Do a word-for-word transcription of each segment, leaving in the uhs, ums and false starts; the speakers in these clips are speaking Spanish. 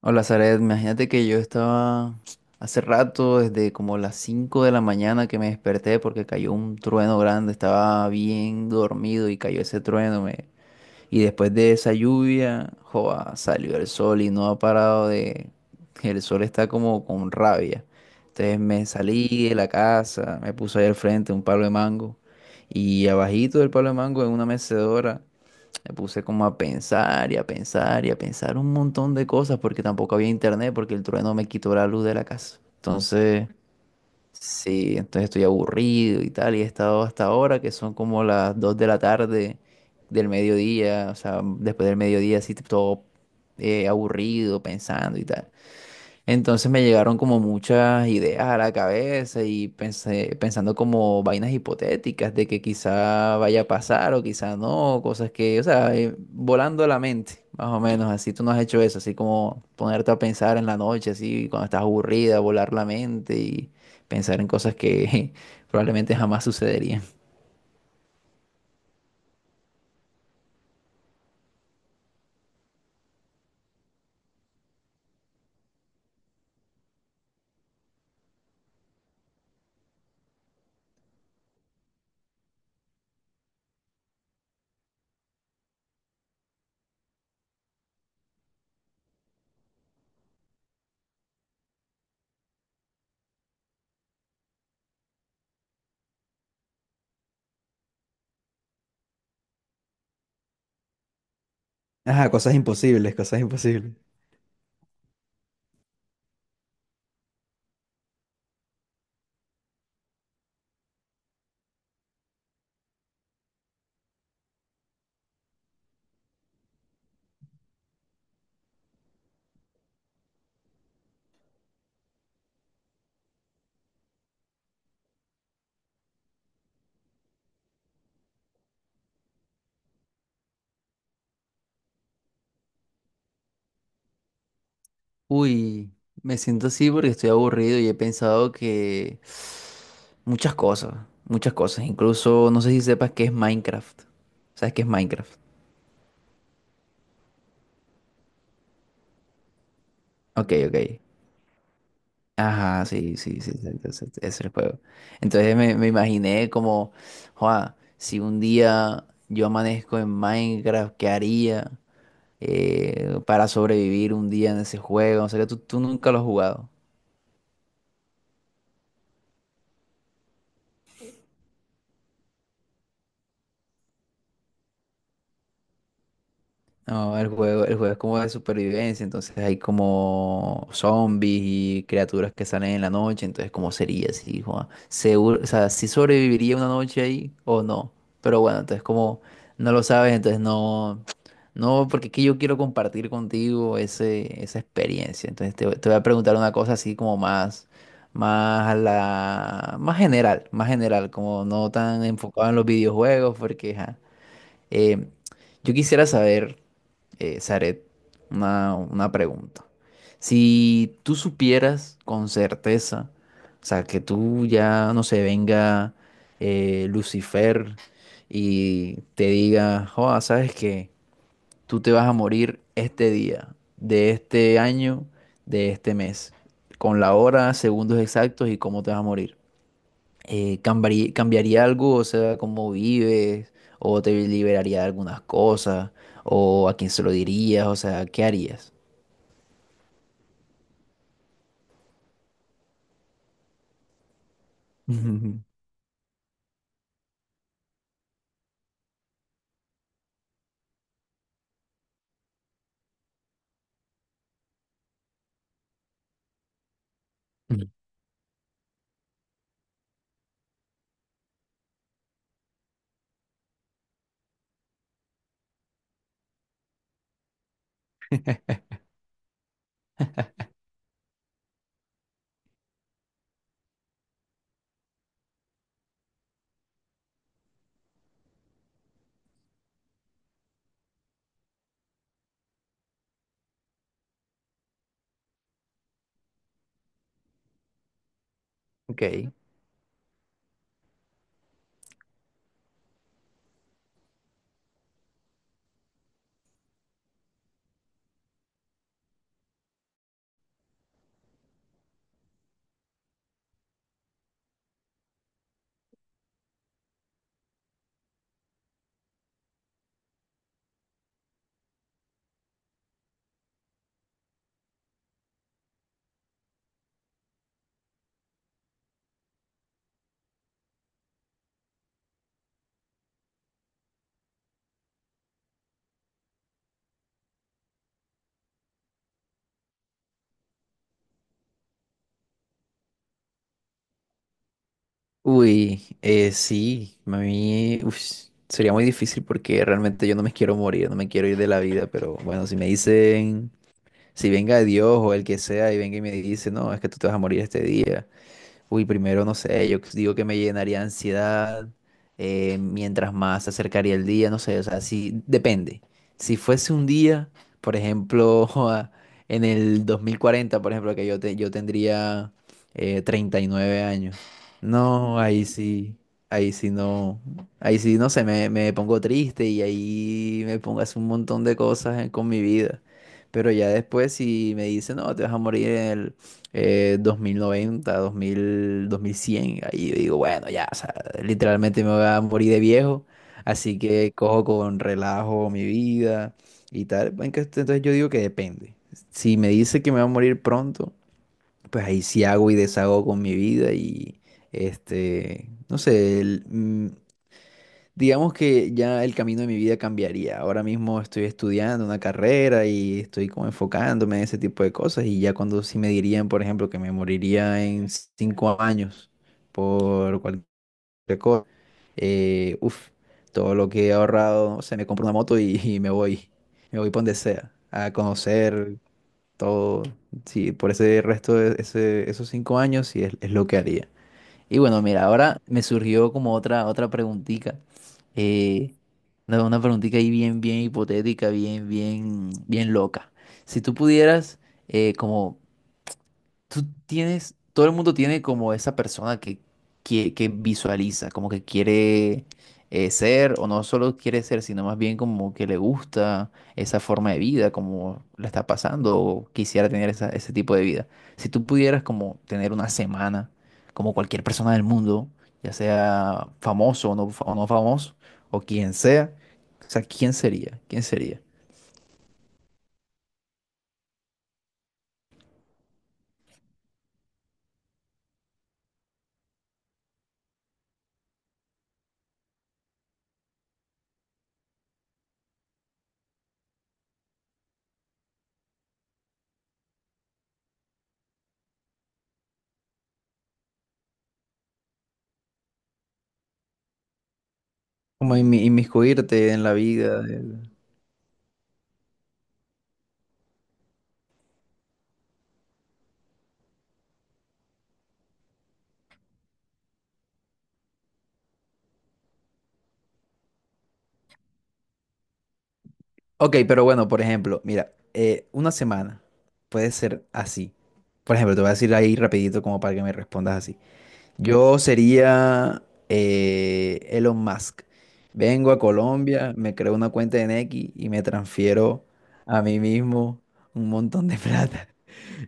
Hola, Zaret. Imagínate que yo estaba hace rato, desde como las cinco de la mañana que me desperté porque cayó un trueno grande. Estaba bien dormido y cayó ese trueno. me- Y después de esa lluvia, joa, salió el sol y no ha parado de... El sol está como con rabia. Entonces me salí de la casa, me puse ahí al frente un palo de mango y abajito del palo de mango en una mecedora. Me puse como a pensar y a pensar y a pensar un montón de cosas porque tampoco había internet porque el trueno me quitó la luz de la casa. Mm. Entonces, sí, entonces estoy aburrido y tal y he estado hasta ahora que son como las dos de la tarde del mediodía, o sea, después del mediodía así todo eh, aburrido pensando y tal. Entonces me llegaron como muchas ideas a la cabeza y pensé, pensando como vainas hipotéticas de que quizá vaya a pasar o quizá no, cosas que, o sea, eh, volando la mente, más o menos, así tú no has hecho eso, así como ponerte a pensar en la noche, así cuando estás aburrida, volar la mente y pensar en cosas que probablemente jamás sucederían. Uy, me siento así porque estoy aburrido y he pensado que muchas cosas, muchas cosas. Incluso no sé si sepas qué es Minecraft. ¿Sabes qué es Minecraft? Ok, ok. Ajá, sí, sí, sí, exacto, exacto, ese es el juego. Entonces me, me imaginé como, "Joa, si un día yo amanezco en Minecraft, ¿qué haría eh, para sobrevivir un día en ese juego?" O sea, que tú, tú nunca lo has jugado. No, el juego, el juego es como de supervivencia, entonces hay como zombies y criaturas que salen en la noche, entonces ¿cómo sería si, Juan? Seguro, o sea, si sobreviviría una noche ahí o no. Pero bueno, entonces como no lo sabes, entonces no, no, porque es que yo quiero compartir contigo ese, esa experiencia. Entonces te, te voy a preguntar una cosa así como más, más a la, más general, más general, como no tan enfocado en los videojuegos, porque ajá. Eh, yo quisiera saber, eh, Zaret, una, una pregunta. Si tú supieras con certeza, o sea, que tú ya, no sé, venga eh, Lucifer y te diga, joa, sabes que tú te vas a morir este día, de este año, de este mes, con la hora, segundos exactos y cómo te vas a morir eh, cambiarí- ¿cambiaría algo? O sea, ¿cómo vives? ¿O te liberaría de algunas cosas? ¿O a quién se lo dirías? O sea, ¿qué harías? Ujú. Ok. Uy, eh, sí, a mí uf, sería muy difícil porque realmente yo no me quiero morir, no me quiero ir de la vida, pero bueno, si me dicen, si venga Dios o el que sea y venga y me dice, no, es que tú te vas a morir este día. Uy, primero no sé, yo digo que me llenaría de ansiedad eh, mientras más se acercaría el día, no sé, o sea, sí, depende. Si fuese un día, por ejemplo, joda, en el dos mil cuarenta, por ejemplo, que yo, te- yo tendría eh, treinta y nueve años. No, ahí sí, ahí sí no, ahí sí no sé, me, me pongo triste y ahí me pongo a hacer un montón de cosas eh, con mi vida. Pero ya después si me dice, no, te vas a morir eh, dos mil noventa, dos mil, dos mil cien, ahí yo digo, bueno, ya, o sea, literalmente me voy a morir de viejo, así que cojo con relajo mi vida y tal. En que- Entonces yo digo que depende. Si me dice que me va a morir pronto, pues ahí sí hago y deshago con mi vida y, este, no sé, digamos que ya el camino de mi vida cambiaría. Ahora mismo estoy estudiando una carrera y estoy como enfocándome en ese tipo de cosas y ya cuando sí me dirían, por ejemplo, que me moriría en cinco años por cualquier cosa, eh, uf, todo lo que he ahorrado, no sé, me compro una moto y, y me voy, me voy por donde sea, a conocer todo. Sí, por ese resto de ese- esos cinco años sí es es lo que haría. Y bueno, mira, ahora me surgió como otra, otra preguntita. Eh, una, una preguntita ahí bien, bien hipotética, bien, bien, bien loca. Si tú pudieras eh, como Tú tienes, todo el mundo tiene como esa persona que, que, que visualiza, como que quiere eh, ser, o no solo quiere ser, sino más bien como que le gusta esa forma de vida, como la está pasando, o quisiera tener esa- ese tipo de vida. Si tú pudieras como tener una semana, como cualquier persona del mundo, ya sea famoso o no, fa- o no famoso, o quien sea, o sea, ¿quién sería? ¿Quién sería? Como inmi- inmiscuirte en la vida. Ok, pero bueno, por ejemplo, mira, eh, una semana puede ser así. Por ejemplo, te voy a decir ahí rapidito como para que me respondas así. Yo sería eh, Elon Musk. Vengo a Colombia, me creo una cuenta en X y me transfiero a mí mismo un montón de plata.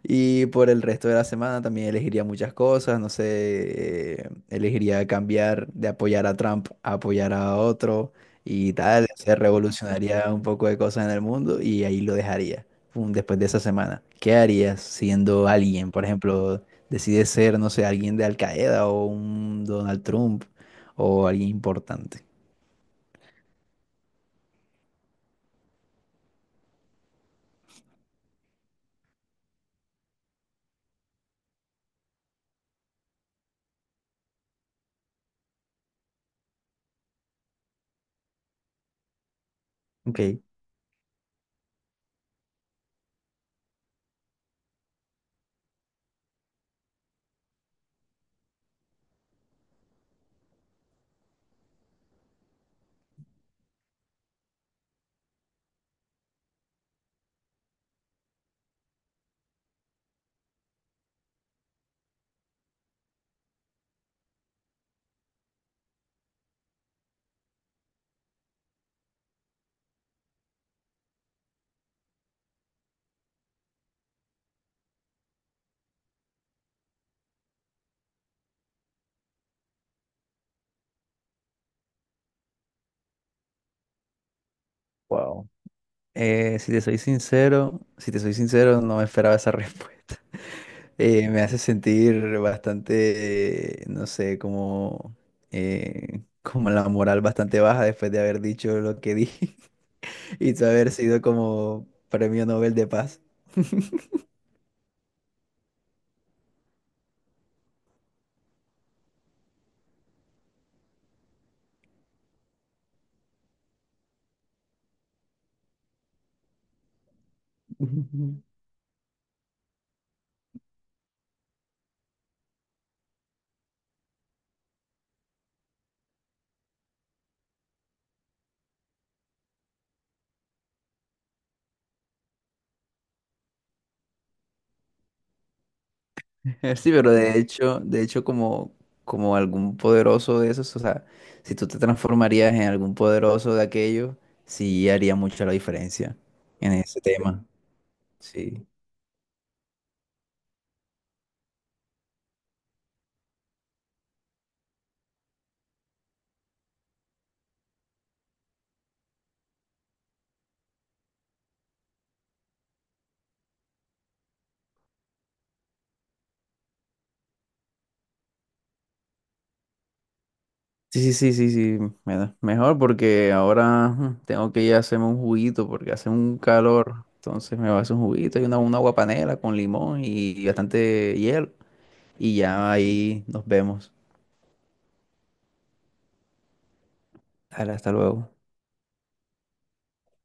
Y por el resto de la semana también elegiría muchas cosas, no sé, eh, elegiría cambiar de apoyar a Trump a apoyar a otro y tal, se revolucionaría un poco de cosas en el mundo y ahí lo dejaría, pum, después de esa semana. ¿Qué harías siendo alguien? Por ejemplo, decides ser, no sé, alguien de Al Qaeda o un Donald Trump o alguien importante. Ok, wow. Eh, si te soy sincero, si te soy sincero, no me esperaba esa respuesta. Eh, me hace sentir bastante, eh, no sé, como, eh, como la moral bastante baja después de haber dicho lo que dije y haber sido como premio Nobel de Paz. Ujú. Eh, Sí, pero de hecho, de hecho como, como algún poderoso de esos, o sea, si tú te transformarías en algún poderoso de aquello, sí haría mucha la diferencia en ese tema. Sí. Sí, sí, sí, sí, sí, me da- mejor porque ahora mm, tengo que ir a hacerme un juguito porque hace un calor. Entonces me va a hacer un juguito y una, una guapanela con limón y bastante hielo. Y ya ahí nos vemos. Dale, hasta luego.